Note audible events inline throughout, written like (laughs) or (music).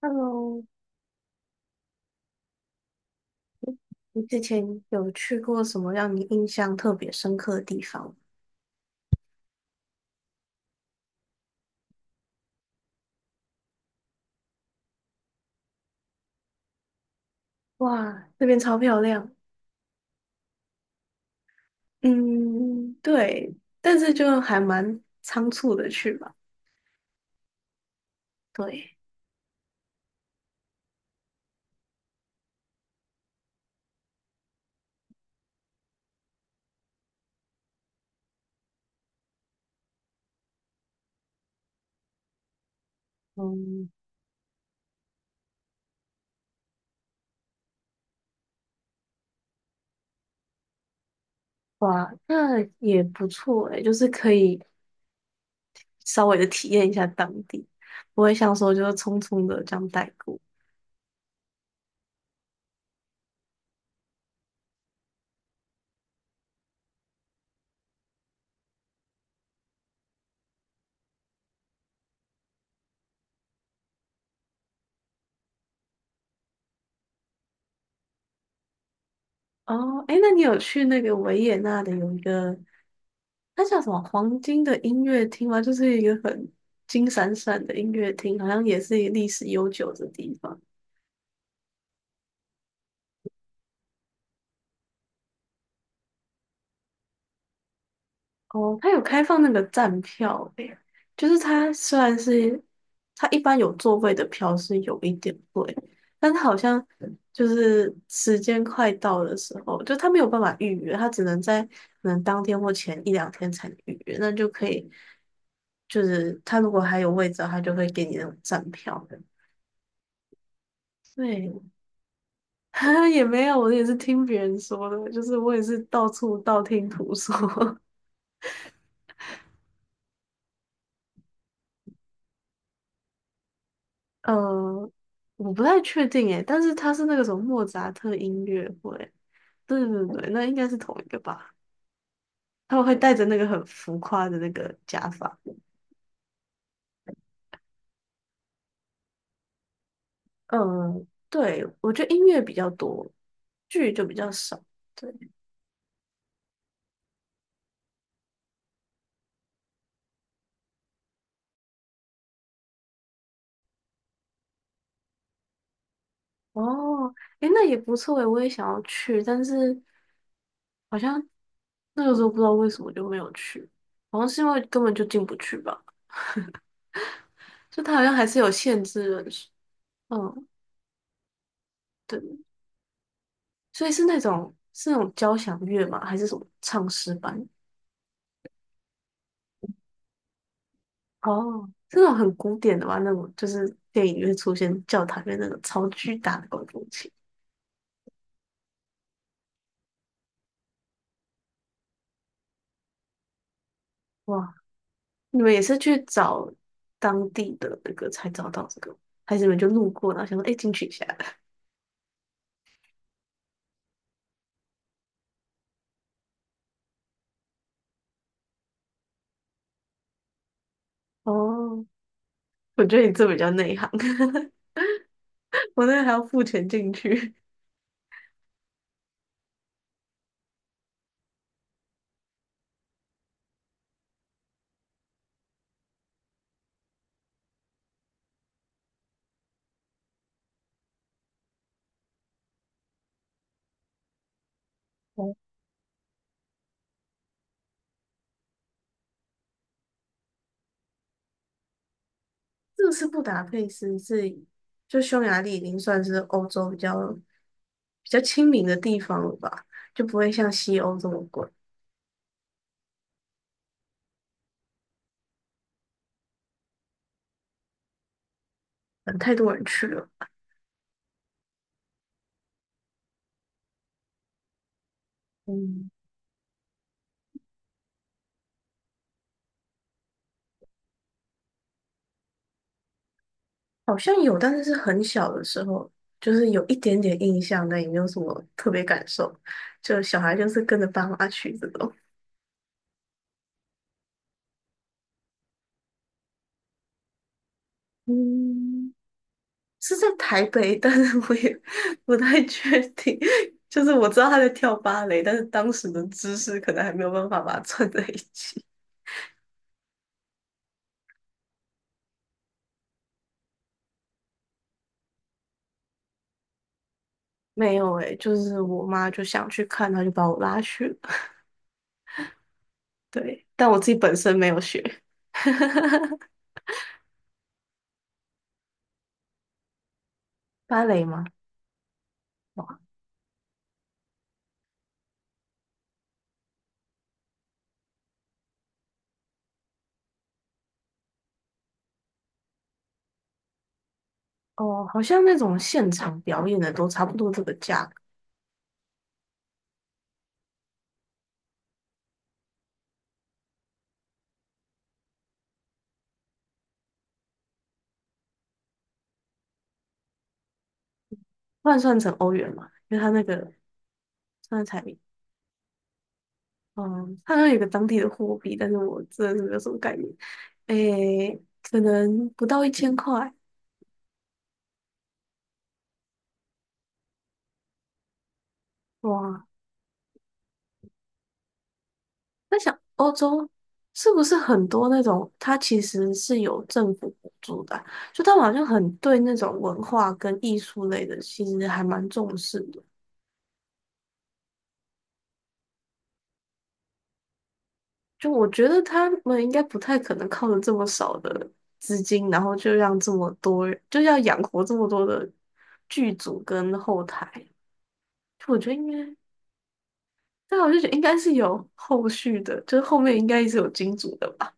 Hello，你之前有去过什么让你印象特别深刻的地方吗？哇，那边超漂亮。嗯，对，但是就还蛮仓促的去吧。对。嗯。哇，那也不错诶，就是可以稍微的体验一下当地，不会像说就是匆匆的这样带过。哦，诶，那你有去那个维也纳的有一个它叫什么黄金的音乐厅吗？就是一个很金闪闪的音乐厅，好像也是一个历史悠久的地方。哦，它有开放那个站票诶，就是它虽然是它一般有座位的票是有一点贵，但它好像就是时间快到的时候，就它没有办法预约，它只能在可能当天或前一两天才能预约，那就可以，就是它如果还有位置，它就会给你那种站票的。对。(laughs) 也没有，我也是听别人说的，就是我也是到处道听途说。(laughs) 呃，我不太确定诶，但是他是那个什么莫扎特音乐会。对对对，那应该是同一个吧？他会戴着那个很浮夸的那个假发。嗯，对，我觉得音乐比较多，剧就比较少。对。哦，诶，那也不错诶，我也想要去，但是好像那个时候不知道为什么就没有去，好像是因为根本就进不去吧。就它好像还是有限制人数。嗯，对，所以是那种是那种交响乐吗？还是什么唱诗班？哦，这种很古典的吧？那种就是电影里面出现教堂里面那种超巨大的管风琴。哇。你们也是去找当地的那个才找到这个，还是你们就路过然后想说，哎、进去一下？(laughs) 哦，我觉得你这比较内行，(laughs) 我那个还要付钱进去。这个是布达佩斯是就匈牙利已经算是欧洲比较比较亲民的地方了吧，就不会像西欧这么贵。嗯，太多人去了。嗯，好像有，但是是很小的时候，就是有一点点印象，但也没有什么特别感受。就小孩就是跟着爸妈去这种。嗯，是在台北，但是我也 (laughs) 不太确定。就是我知道他在跳芭蕾，但是当时的知识可能还没有办法把它串在一起。没有诶、就是我妈就想去看，她就把我拉去了。(laughs) 对，但我自己本身没有学。 (laughs) 芭蕾吗？哇。哦，好像那种现场表演的都差不多这个价格。换算成欧元嘛，因为它那个算彩礼，嗯，它好像有一个当地的货币，但是我真的是没有什么概念，诶、可能不到一千块。哇。在想欧洲是不是很多那种，它其实是有政府补助的啊，就他们好像很对那种文化跟艺术类的，其实还蛮重视的。就我觉得他们应该不太可能靠着这么少的资金，然后就让这么多，人，就要养活这么多的剧组跟后台。就我觉得应该，但我就觉得应该是有后续的，就是后面应该是有金主的吧。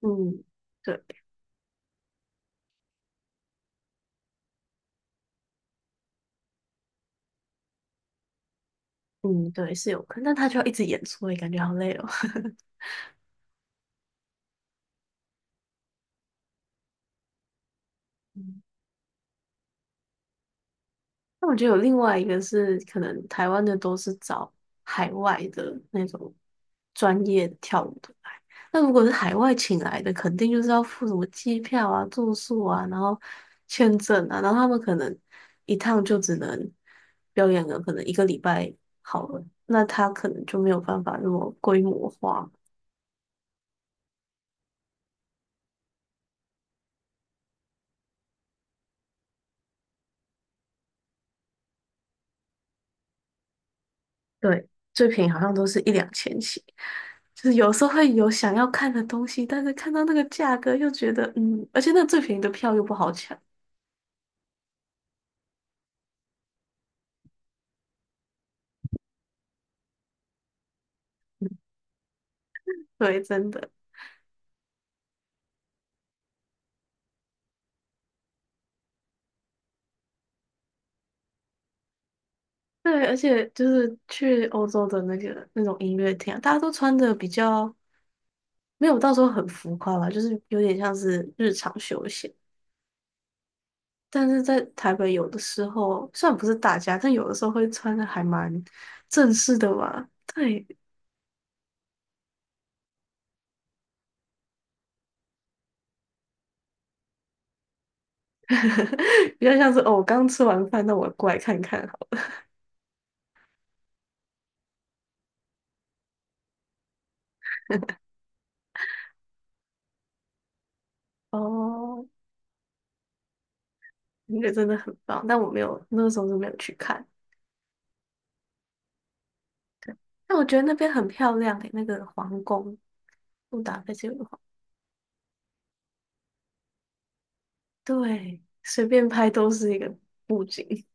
嗯，对。嗯，对，是有可能，但他就要一直演出，也感觉好累哦。(laughs) 嗯。那我觉得有另外一个是，可能台湾的都是找海外的那种专业跳舞的来。那如果是海外请来的，肯定就是要付什么机票啊、住宿啊，然后签证啊，然后他们可能一趟就只能表演个可能一个礼拜好了，那他可能就没有办法那么规模化。对，最便宜好像都是一两千起，就是有时候会有想要看的东西，但是看到那个价格又觉得，嗯，而且那最便宜的票又不好抢。对，真的。对，而且就是去欧洲的那个那种音乐厅啊，大家都穿的比较没有到时候很浮夸吧，就是有点像是日常休闲，但是在台北有的时候虽然不是大家，但有的时候会穿的还蛮正式的嘛。对。(laughs) 比较像是哦，我刚吃完饭，那我过来看看。哦，那个真的很棒，但我没有，那个时候是没有去看。但我觉得那边很漂亮诶、那个皇宫，布达佩斯有个皇，对，随便拍都是一个布景。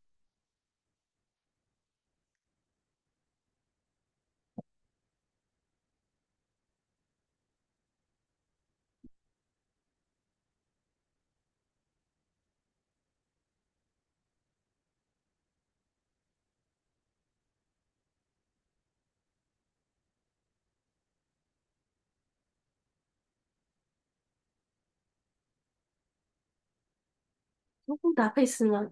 哦布达佩斯吗？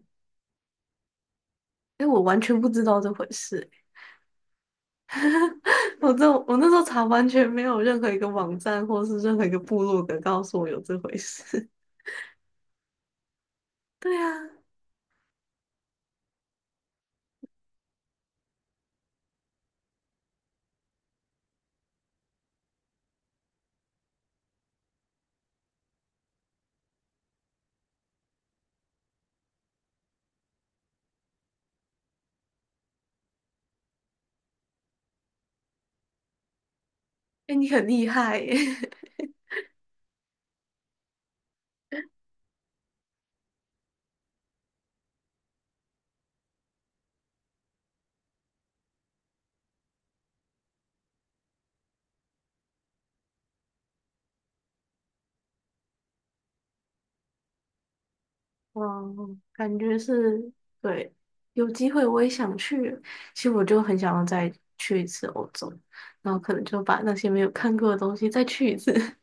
哎、我完全不知道这回事欸、(laughs) 我这我那时候查完全没有任何一个网站或是任何一个部落格告诉我有这回事。(laughs) 对啊，哎、你很厉害耶、嗯，感觉是，对，有机会我也想去。其实我就很想要再去一次欧洲，然后可能就把那些没有看过的东西再去一次。(laughs)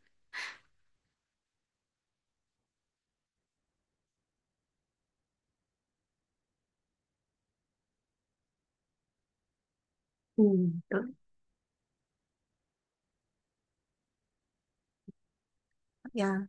嗯，对。呀。